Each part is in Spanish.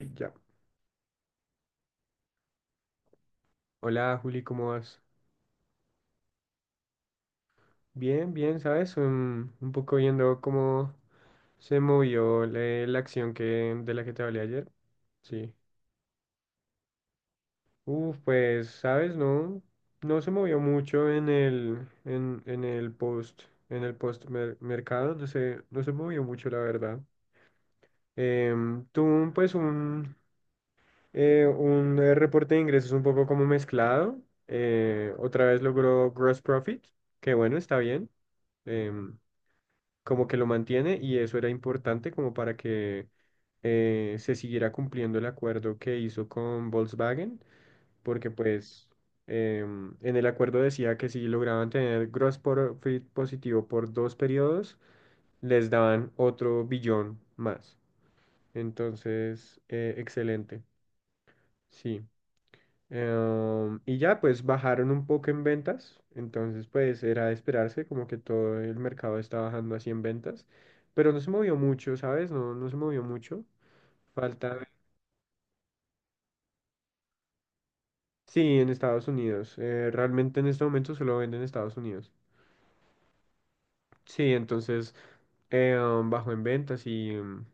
Ya. Hola Juli, ¿cómo vas? Bien, bien, ¿sabes? Un poco viendo cómo se movió la acción de la que te hablé ayer. Sí. Uf, pues, ¿sabes? No, no se movió mucho en el post mer- mercado, no se movió mucho, la verdad. Tuvo pues un reporte de ingresos un poco como mezclado. Otra vez logró gross profit, que bueno, está bien. Em, Como que lo mantiene y eso era importante como para que se siguiera cumpliendo el acuerdo que hizo con Volkswagen, porque pues en el acuerdo decía que si lograban tener gross profit positivo por dos periodos, les daban otro billón más. Entonces, excelente, sí. Y ya, pues bajaron un poco en ventas, entonces pues era de esperarse, como que todo el mercado está bajando así en ventas, pero no se movió mucho, ¿sabes? No, no se movió mucho. Falta. Sí, en Estados Unidos. Realmente en este momento solo venden en Estados Unidos. Sí, entonces eh, bajó en ventas y... em,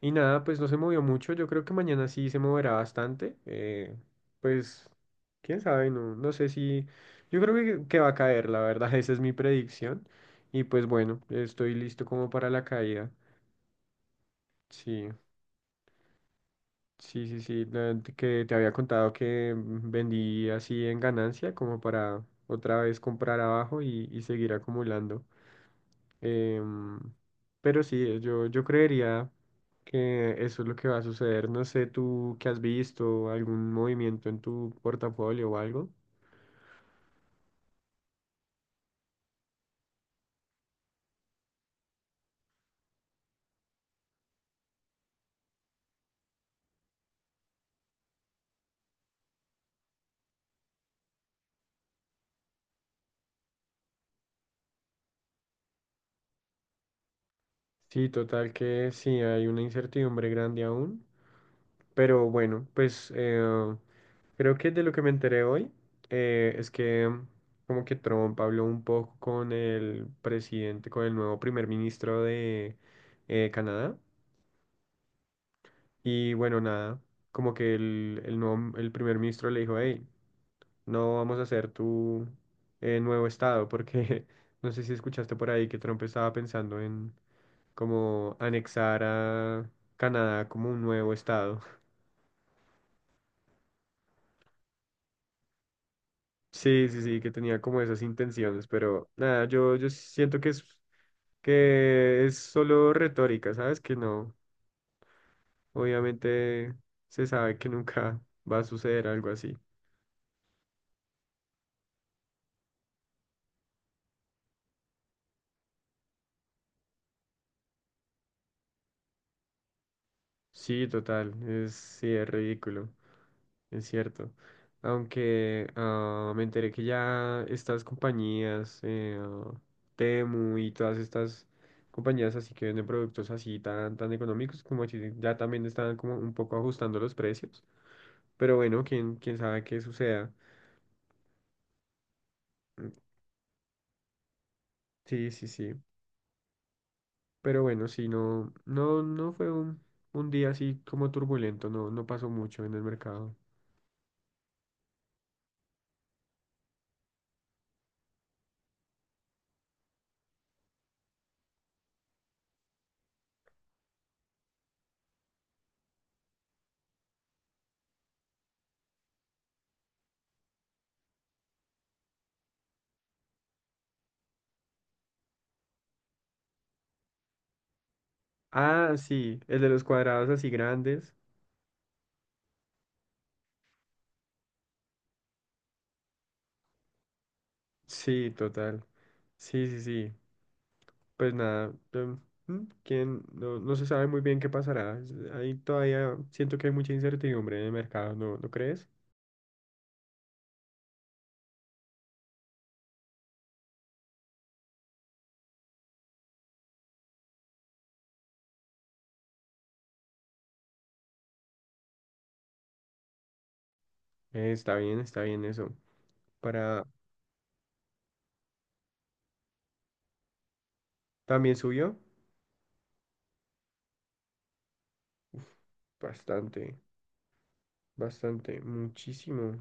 Y nada, pues no se movió mucho. Yo creo que mañana sí se moverá bastante. Pues, quién sabe, no, no sé si. Yo creo que va a caer, la verdad. Esa es mi predicción. Y pues bueno, estoy listo como para la caída. Sí, sí, sí, sí. Que te había contado que vendí así en ganancia, como para otra vez comprar abajo y seguir acumulando. Em, pero sí, yo creería que eso es lo que va a suceder. No sé, tú qué has visto, algún movimiento en tu portafolio o algo. Sí, total que sí, hay una incertidumbre grande aún. Pero bueno, pues creo que de lo que me enteré hoy es que como que Trump habló un poco con el presidente, con el nuevo primer ministro de Canadá. Y bueno, nada, como que el primer ministro le dijo, hey, no vamos a hacer tu nuevo estado, porque no sé si escuchaste por ahí que Trump estaba pensando en como anexar a Canadá como un nuevo estado. Sí, sí, sí, que tenía como esas intenciones, pero nada, yo siento que es solo retórica, ¿sabes? Que no, obviamente se sabe que nunca va a suceder algo así. Sí, total, es, sí, es ridículo, es cierto. Aunque ah, me enteré que ya estas compañías, Temu y todas estas compañías así que venden productos así tan, tan económicos, como que ya también están como un poco ajustando los precios. Pero bueno, quién sabe qué suceda. Mm, sí, sí, sí. Pero bueno, sí, no, no, no fue un día así como turbulento, no, no pasó mucho en el mercado. Ah, sí, el de los cuadrados así grandes. Sí, total. Sí, sí, sí. Pues nada, em, mm, quién no se sabe muy bien qué pasará. Ahí todavía siento que hay mucha incertidumbre en el mercado, ¿no crees? Está bien, está bien eso. Para también subió bastante, bastante, muchísimo.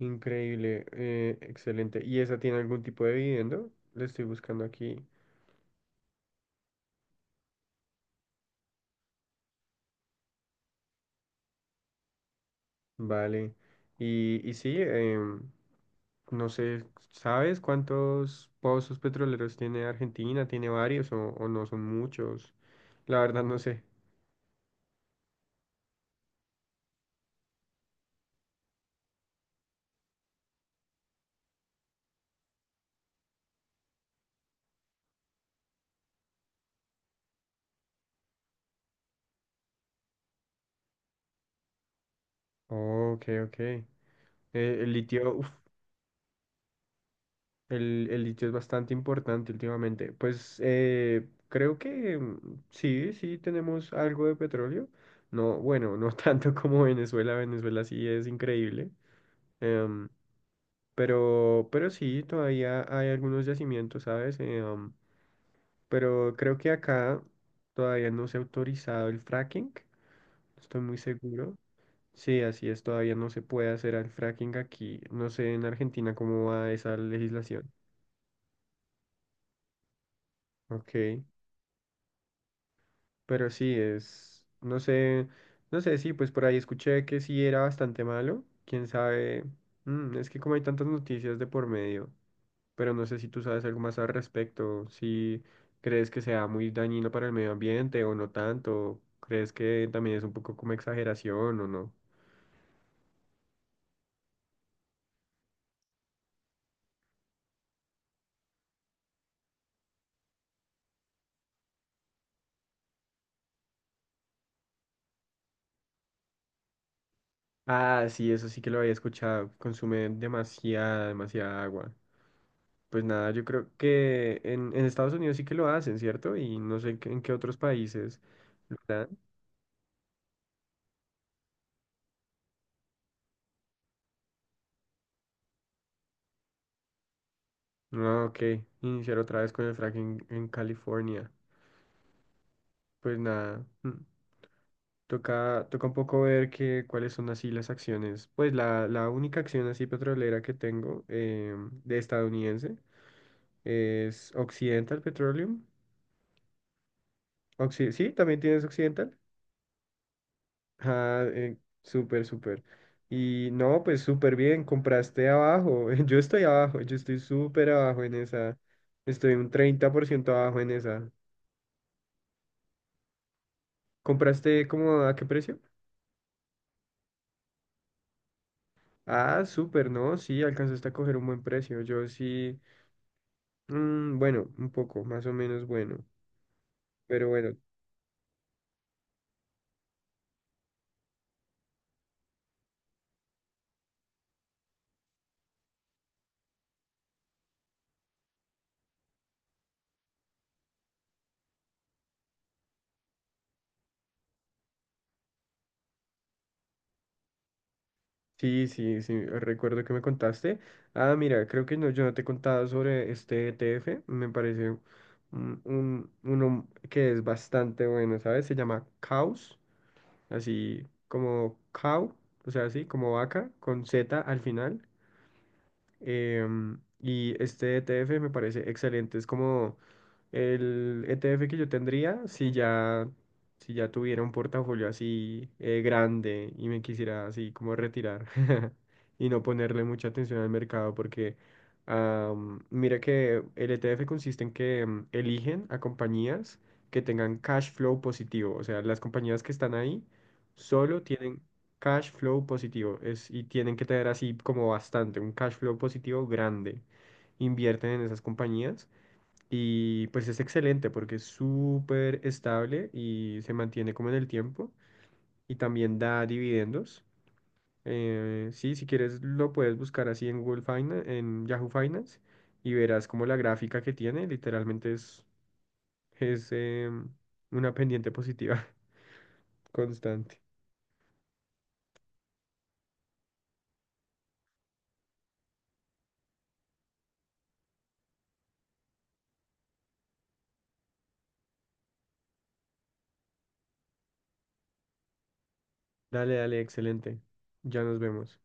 Increíble, excelente. ¿Y esa tiene algún tipo de dividendo? Le estoy buscando aquí. Vale. Y sí, no sé, ¿sabes cuántos pozos petroleros tiene Argentina? ¿Tiene varios o no son muchos? La verdad no sé. Ok, ok. El litio, uf, el litio es bastante importante últimamente. Pues creo que sí, sí tenemos algo de petróleo. No, bueno, no tanto como Venezuela. Venezuela sí es increíble. Em, pero, sí, todavía hay algunos yacimientos, ¿sabes? Pero creo que acá todavía no se ha autorizado el fracking, no estoy muy seguro. Sí, así es, todavía no se puede hacer el fracking aquí. No sé en Argentina cómo va esa legislación. Ok, pero sí es, no sé, sí, pues por ahí escuché que sí era bastante malo, quién sabe. Es que como hay tantas noticias de por medio, pero no sé si tú sabes algo más al respecto, si crees que sea muy dañino para el medio ambiente o no tanto, crees que también es un poco como exageración o no. Ah, sí, eso sí que lo había escuchado, consume demasiada, demasiada agua. Pues nada, yo creo que en Estados Unidos sí que lo hacen, ¿cierto? Y no sé en qué otros países, ¿verdad? No, ok, iniciar otra vez con el fracking en California. Pues nada. Mm. Toca, toca un poco ver cuáles son así las acciones. Pues la única acción así petrolera que tengo de estadounidense es Occidental Petroleum. Sí, también tienes Occidental. Ah, súper, súper. Y no, pues súper bien, compraste abajo. Yo estoy abajo, yo estoy súper abajo en esa. Estoy un 30% abajo en esa. ¿Compraste como a qué precio? Ah, súper, no, sí, alcanzaste a coger un buen precio. Yo sí. Mm, bueno, un poco, más o menos bueno. Pero bueno, sí, sí, sí, recuerdo que me contaste. Ah, mira, creo que no, yo no te he contado sobre este ETF. Me parece uno que es bastante bueno, ¿sabes? Se llama Caus, así como cow, o sea, así como vaca, con Z al final. Y este ETF me parece excelente. Es como el ETF que yo tendría, si ya tuviera un portafolio así grande y me quisiera así como retirar y no ponerle mucha atención al mercado, porque mira que el ETF consiste en que eligen a compañías que tengan cash flow positivo, o sea, las compañías que están ahí solo tienen cash flow positivo es, y tienen que tener así como bastante, un cash flow positivo grande. Invierten en esas compañías y pues es excelente porque es súper estable y se mantiene como en el tiempo y también da dividendos. Sí, si quieres lo puedes buscar así en Google Finance, en Yahoo Finance y verás como la gráfica que tiene literalmente es, es una pendiente positiva constante. Dale, dale, excelente. Ya nos vemos.